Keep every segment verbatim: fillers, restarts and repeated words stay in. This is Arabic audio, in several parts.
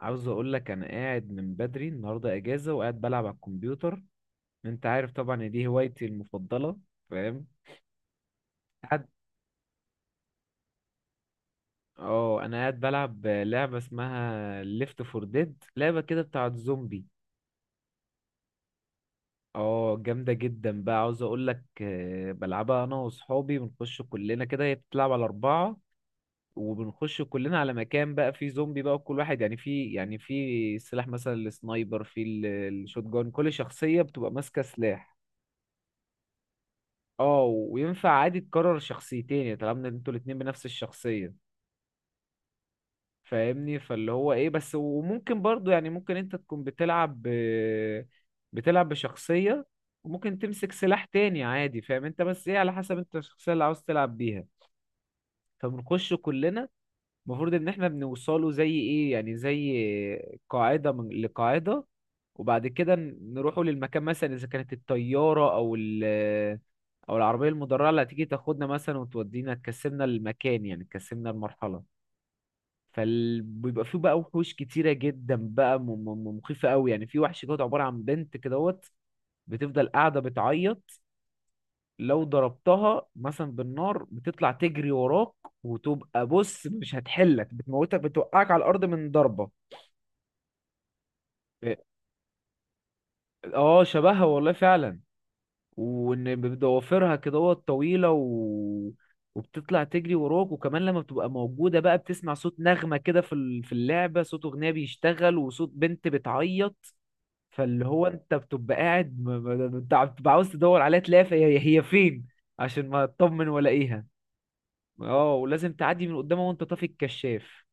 عاوز اقول لك انا قاعد من بدري النهارده اجازه وقاعد بلعب على الكمبيوتر. انت عارف طبعا ان دي هوايتي المفضله. فاهم؟ قاعد اه انا قاعد بلعب لعبه اسمها ليفت فور ديد، لعبه كده بتاعه زومبي. اه، جامده جدا بقى. عاوز اقول لك آه، بلعبها انا واصحابي، بنخش كلنا كده، هي بتلعب على اربعه وبنخش كلنا على مكان بقى فيه زومبي بقى، وكل واحد يعني في يعني في سلاح، مثلا السنايبر، في الشوت جان، كل شخصيه بتبقى ماسكه سلاح. اه، وينفع عادي تكرر شخصيتين، يعني طالما إن انتوا الاتنين بنفس الشخصية. فاهمني؟ فاللي هو ايه بس، وممكن برضو يعني ممكن انت تكون بتلعب ب... بتلعب بشخصية وممكن تمسك سلاح تاني عادي. فاهم انت؟ بس ايه، على حسب انت الشخصية اللي عاوز تلعب بيها. فبنخش كلنا، المفروض ان احنا بنوصله زي ايه، يعني زي قاعدة من لقاعدة، وبعد كده نروحوا للمكان، مثلا اذا كانت الطيارة او ال او العربية المدرعة اللي هتيجي تاخدنا مثلا وتودينا تكسبنا المكان، يعني تكسبنا المرحلة. فبيبقى فيه بقى وحوش كتيرة جدا بقى، م- م- مخيفة قوي. يعني في وحش دوت عبارة عن بنت كدهوت بتفضل قاعدة بتعيط، لو ضربتها مثلا بالنار بتطلع تجري وراك، وتبقى بص مش هتحلك، بتموتك، بتوقعك على الارض من ضربه. اه. آه، شبهها والله فعلا، وان بضوافرها كده طويله و... وبتطلع تجري وراك، وكمان لما بتبقى موجوده بقى بتسمع صوت نغمه كده في ال- في اللعبه، صوت اغنيه بيشتغل وصوت بنت بتعيط. فاللي هو انت بتبقى قاعد م- م- انت بتبقى عاوز تدور عليها، تلاقيها في- هي هي فين عشان ما تطمن والاقيها. اه، ولازم تعدي من قدامه وانت طافي الكشاف.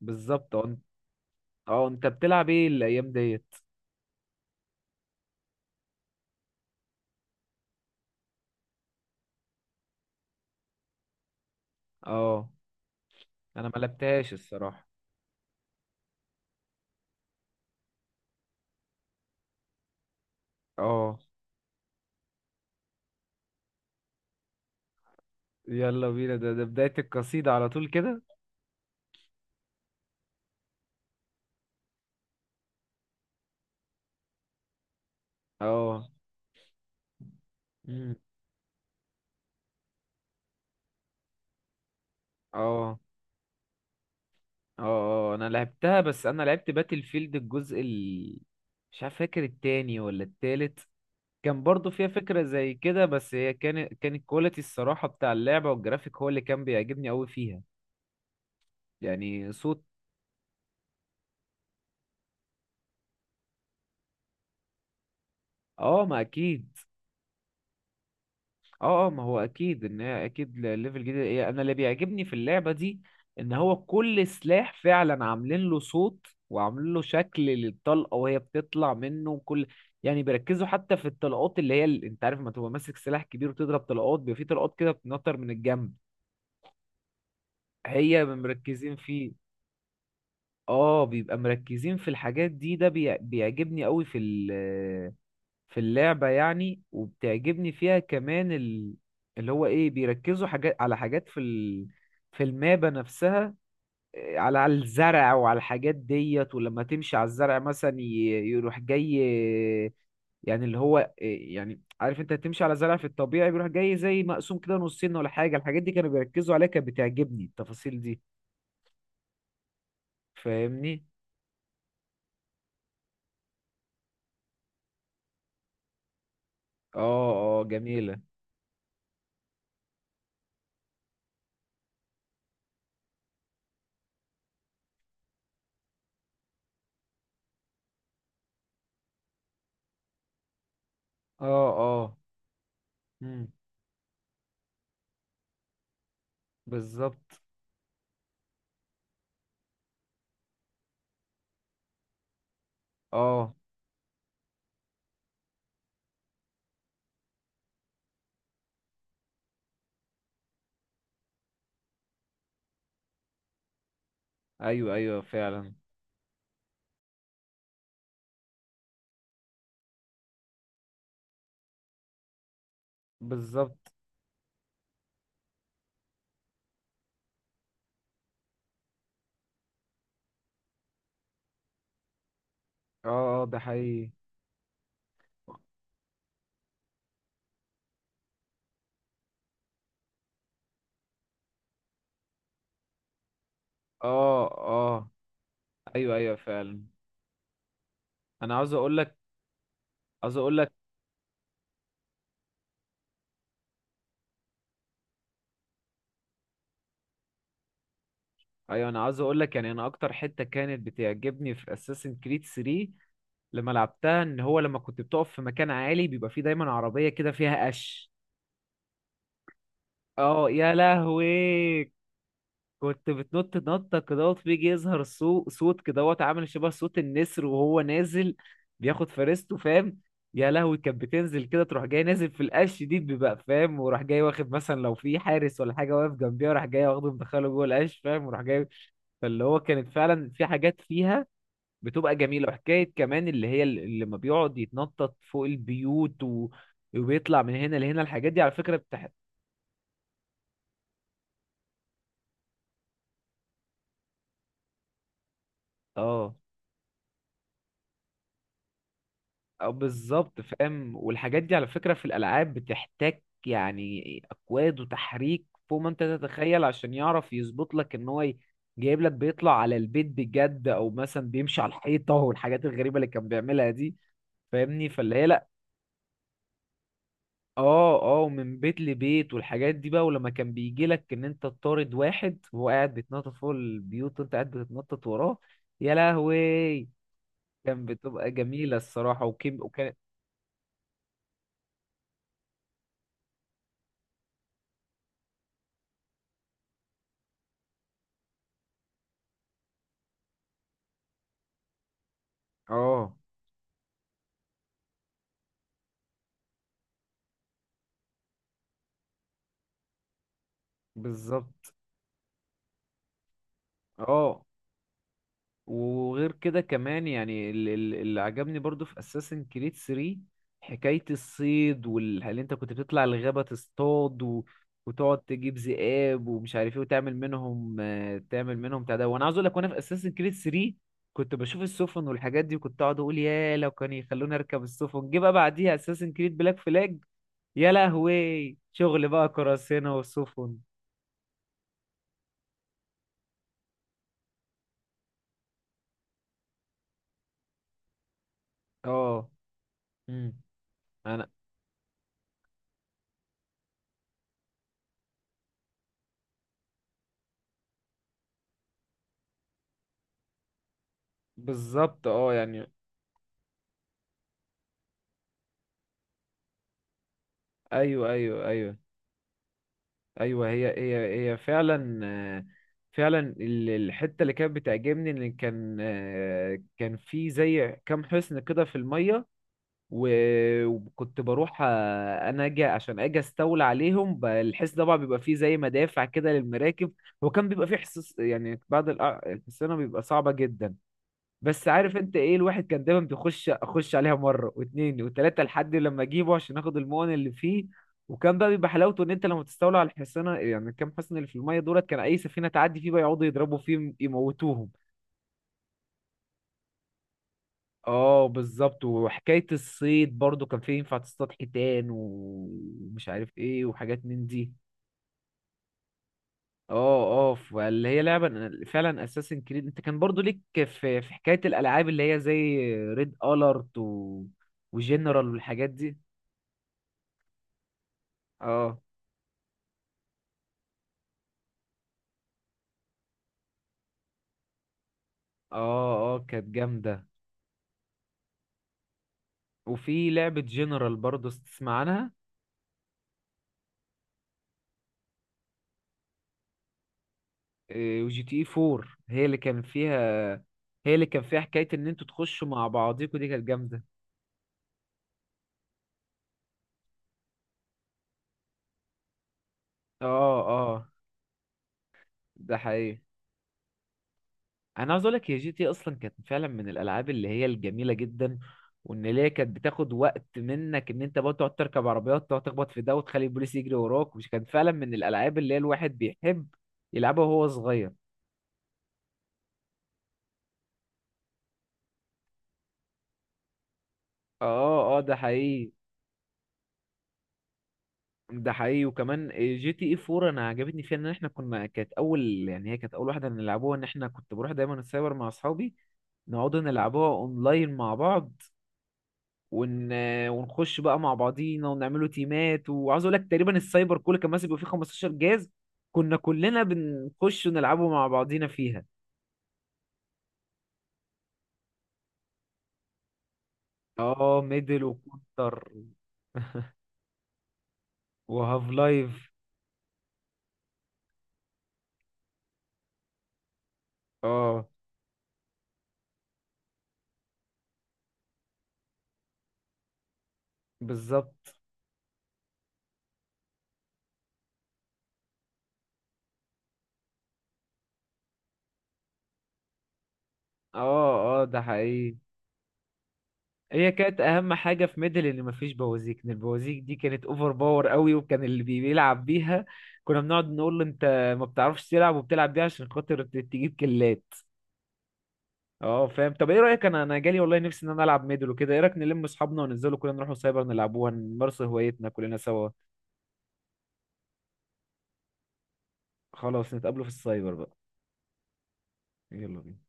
بالظبط اه، انت. اه، انت بتلعب ايه الايام ديت؟ اه، انا ما لعبتهاش الصراحه. اه. يلا بينا، ده ده بدايه القصيده على طول كده. اه. مم. اه. اه. اه، انا لعبتها، بس انا لعبت باتل فيلد الجزء ال، مش عارف، فاكر التاني ولا التالت. كان برضو فيها فكره زي كده، بس هي كانت، كان الكواليتي الصراحه بتاع اللعبه والجرافيك هو اللي كان بيعجبني قوي فيها. يعني صوت. اه، ما اكيد. اه اه، ما هو اكيد ان هي اكيد ل- ليفل جديد. إيه، انا اللي بيعجبني في اللعبه دي ان هو كل سلاح فعلا عاملين له صوت وعاملين له شكل للطلقه وهي بتطلع منه، وكل، يعني بيركزوا حتى في الطلقات اللي هي ال... انت عارف لما تبقى ماسك سلاح كبير وتضرب طلقات بيبقى في طلقات كده بتنطر من الجنب. هي مركزين فيه. اه، بيبقى مركزين في الحاجات دي. ده بي... بيعجبني قوي في في اللعبة يعني. وبتعجبني فيها كمان ال... اللي هو ايه، بيركزوا حاجات على حاجات في ال... في المابة نفسها. إيه، على على الزرع وعلى الحاجات ديت، ولما تمشي على الزرع مثلا ي... يروح جاي. يعني اللي هو إيه، يعني عارف انت تمشي على زرع في الطبيعي بيروح جاي زي مقسوم كده نصين ولا حاجة، الحاجات دي كانوا بيركزوا عليها، كانت بتعجبني التفاصيل دي. فاهمني؟ اه اه، جميلة. اه اه. مم، بالظبط. اه. ايوه ايوه فعلا. بالظبط اه اه، ده حقيقي. اه اه، ايوه ايوه فعلا. انا عاوز اقول لك. عاوز اقول لك. ايوه، انا عاوز اقول لك يعني انا اكتر حته كانت بتعجبني في اساسن كريد ثلاثة لما لعبتها، ان هو لما كنت بتقف في مكان عالي بيبقى فيه دايما عربيه كده فيها قش. اه، يا لهوي. كنت بتنط نطة كدهوت بيجي يظهر صو- صوت كدهوت عامل شبه صوت النسر وهو نازل بياخد فريسته، فاهم. يا لهوي، كانت بتنزل كده تروح جاي نازل في القش دي بيبقى فاهم، وراح جاي واخد مثلا لو في حارس ولا حاجة واقف جنبيها وراح جاي واخده مدخله جوه القش فاهم وراح جاي. فاللي هو كانت فعلا في حاجات فيها بتبقى جميلة. وحكاية كمان اللي هي اللي لما بيقعد يتنطط فوق البيوت و... وبيطلع من هنا لهنا، الحاجات دي على فكرة بتح... اه. أو بالظبط، فاهم. والحاجات دي على فكرة في الألعاب بتحتاج يعني أكواد وتحريك فوق ما أنت تتخيل عشان يعرف يظبط لك إن هو ي- جايب لك بيطلع على البيت بجد، أو مثلا بيمشي على الحيطة والحاجات الغريبة اللي كان بيعملها دي. فاهمني؟ فاللي هي لأ. أه أه، من بيت لبيت والحاجات دي بقى، ولما كان بيجي لك إن أنت تطارد واحد وهو قاعد بيتنطط فوق البيوت وأنت قاعد بتتنطط وراه، يا لهوي. كان بتبقى جميلة الصراحة وكيم وكان. أه، بالظبط. اه، وغير كده كمان يعني ال- ال- اللي عجبني برضو في اساسن كريد ثلاثة حكاية الصيد وال... اللي انت كنت بتطلع الغابة تصطاد و... وتقعد تجيب ذئاب ومش عارف ايه، وتعمل منهم، آه، تعمل منهم بتاع ده. وانا عاوز اقول لك، وانا في اساسن كريد ثلاثة كنت بشوف السفن والحاجات دي، وكنت اقعد اقول يا لو كان يخلوني اركب السفن. جه بقى بعديها اساسن كريد بلاك فلاج. يا لهوي، شغل بقى قراصنة وسفن. اه. امم. انا. بالظبط اه يعني. ايوه ايوه ايوه. ايوه، هي هي هي فعلا. آه، فعلا ال- الحته اللي كانت بتعجبني ان كان آه، كان في زي كام حصن كده في الميه، و- وكنت بروح آه، انا اجي عشان اجي استولى عليهم. ب- الحصن طبعا بيبقى فيه زي مدافع كده للمراكب. هو كان بيبقى فيه حصص، يعني بعض الأ- الحصانه بيبقى صعبه جدا، بس عارف انت ايه، الواحد كان دايما بيخش اخش عليها مره واتنين وتلاته لحد لما اجيبه عشان اخد المؤن اللي فيه. وكان بقى بيبقى حلاوته ان انت لما تستولى على الحصانه، يعني كام حصن اللي في الميه دولت، كان اي سفينه تعدي فيه بقى يقعدوا يضربوا فيه يموتوهم. اه بالظبط. وحكايه الصيد برضو كان فيه ينفع تصطاد حيتان ومش عارف ايه وحاجات من دي. اه اه. فاللي هي لعبه، أنا فعلا اساسن كريد. انت كان برضو ليك في في حكايه الالعاب اللي هي زي ريد الارت و... وجنرال والحاجات دي. اه اه. اه، كانت جامدة. وفي لعبة جنرال برضه تسمع عنها؟ آه، وجي تي اي فور هي اللي كان فيها، هي اللي كان فيها حكاية ان انتوا تخشوا مع بعضيكوا، دي كانت جامدة. اه اه، ده حقيقي. انا عاوز اقولك، هي جي تي إيه اصلا كانت فعلا من الالعاب اللي هي الجميلة جدا، وان هي كانت بتاخد وقت منك ان انت بقى تقعد تركب عربيات، تقعد تخبط في ده وتخلي البوليس يجري وراك، مش كانت فعلا من الالعاب اللي هي الواحد بيحب يلعبها وهو صغير. اه اه. آه، ده حقيقي. ده حقيقي. وكمان جي تي اي فور انا عجبتني فيها ان احنا كنا، كانت اول، يعني هي كانت اول واحده نلعبوها ان احنا كنت بروح دايما السايبر مع اصحابي، نقعد نلعبوها اونلاين مع بعض ون... آه، ونخش بقى مع بعضينا ونعملوا تيمات. وعاوز اقول لك تقريبا السايبر كله كان ماسك، بيبقى فيه خمسة عشر جهاز كنا كلنا بنخش ونلعبه مع بعضينا فيها. اه، ميدل وكونتر وهاف لايف. اه بالظبط. اه اه، ده حقيقي. هي كانت اهم حاجه في ميدل ان مفيش بوازيك، ان البوازيك دي كانت اوفر باور قوي، وكان اللي بي- بيلعب بيها كنا بنقعد نقول له: انت ما بتعرفش تلعب وبتلعب بيها عشان خاطر ت- تجيب كلات. اه فاهم. طب ايه رايك، انا انا جالي والله نفسي ان انا العب ميدل وكده، ايه رايك نلم اصحابنا وننزلوا كلنا نروحوا سايبر نلعبوها نمارسوا هوايتنا كلنا سوا. خلاص، نتقابلوا في السايبر بقى. يلا بينا.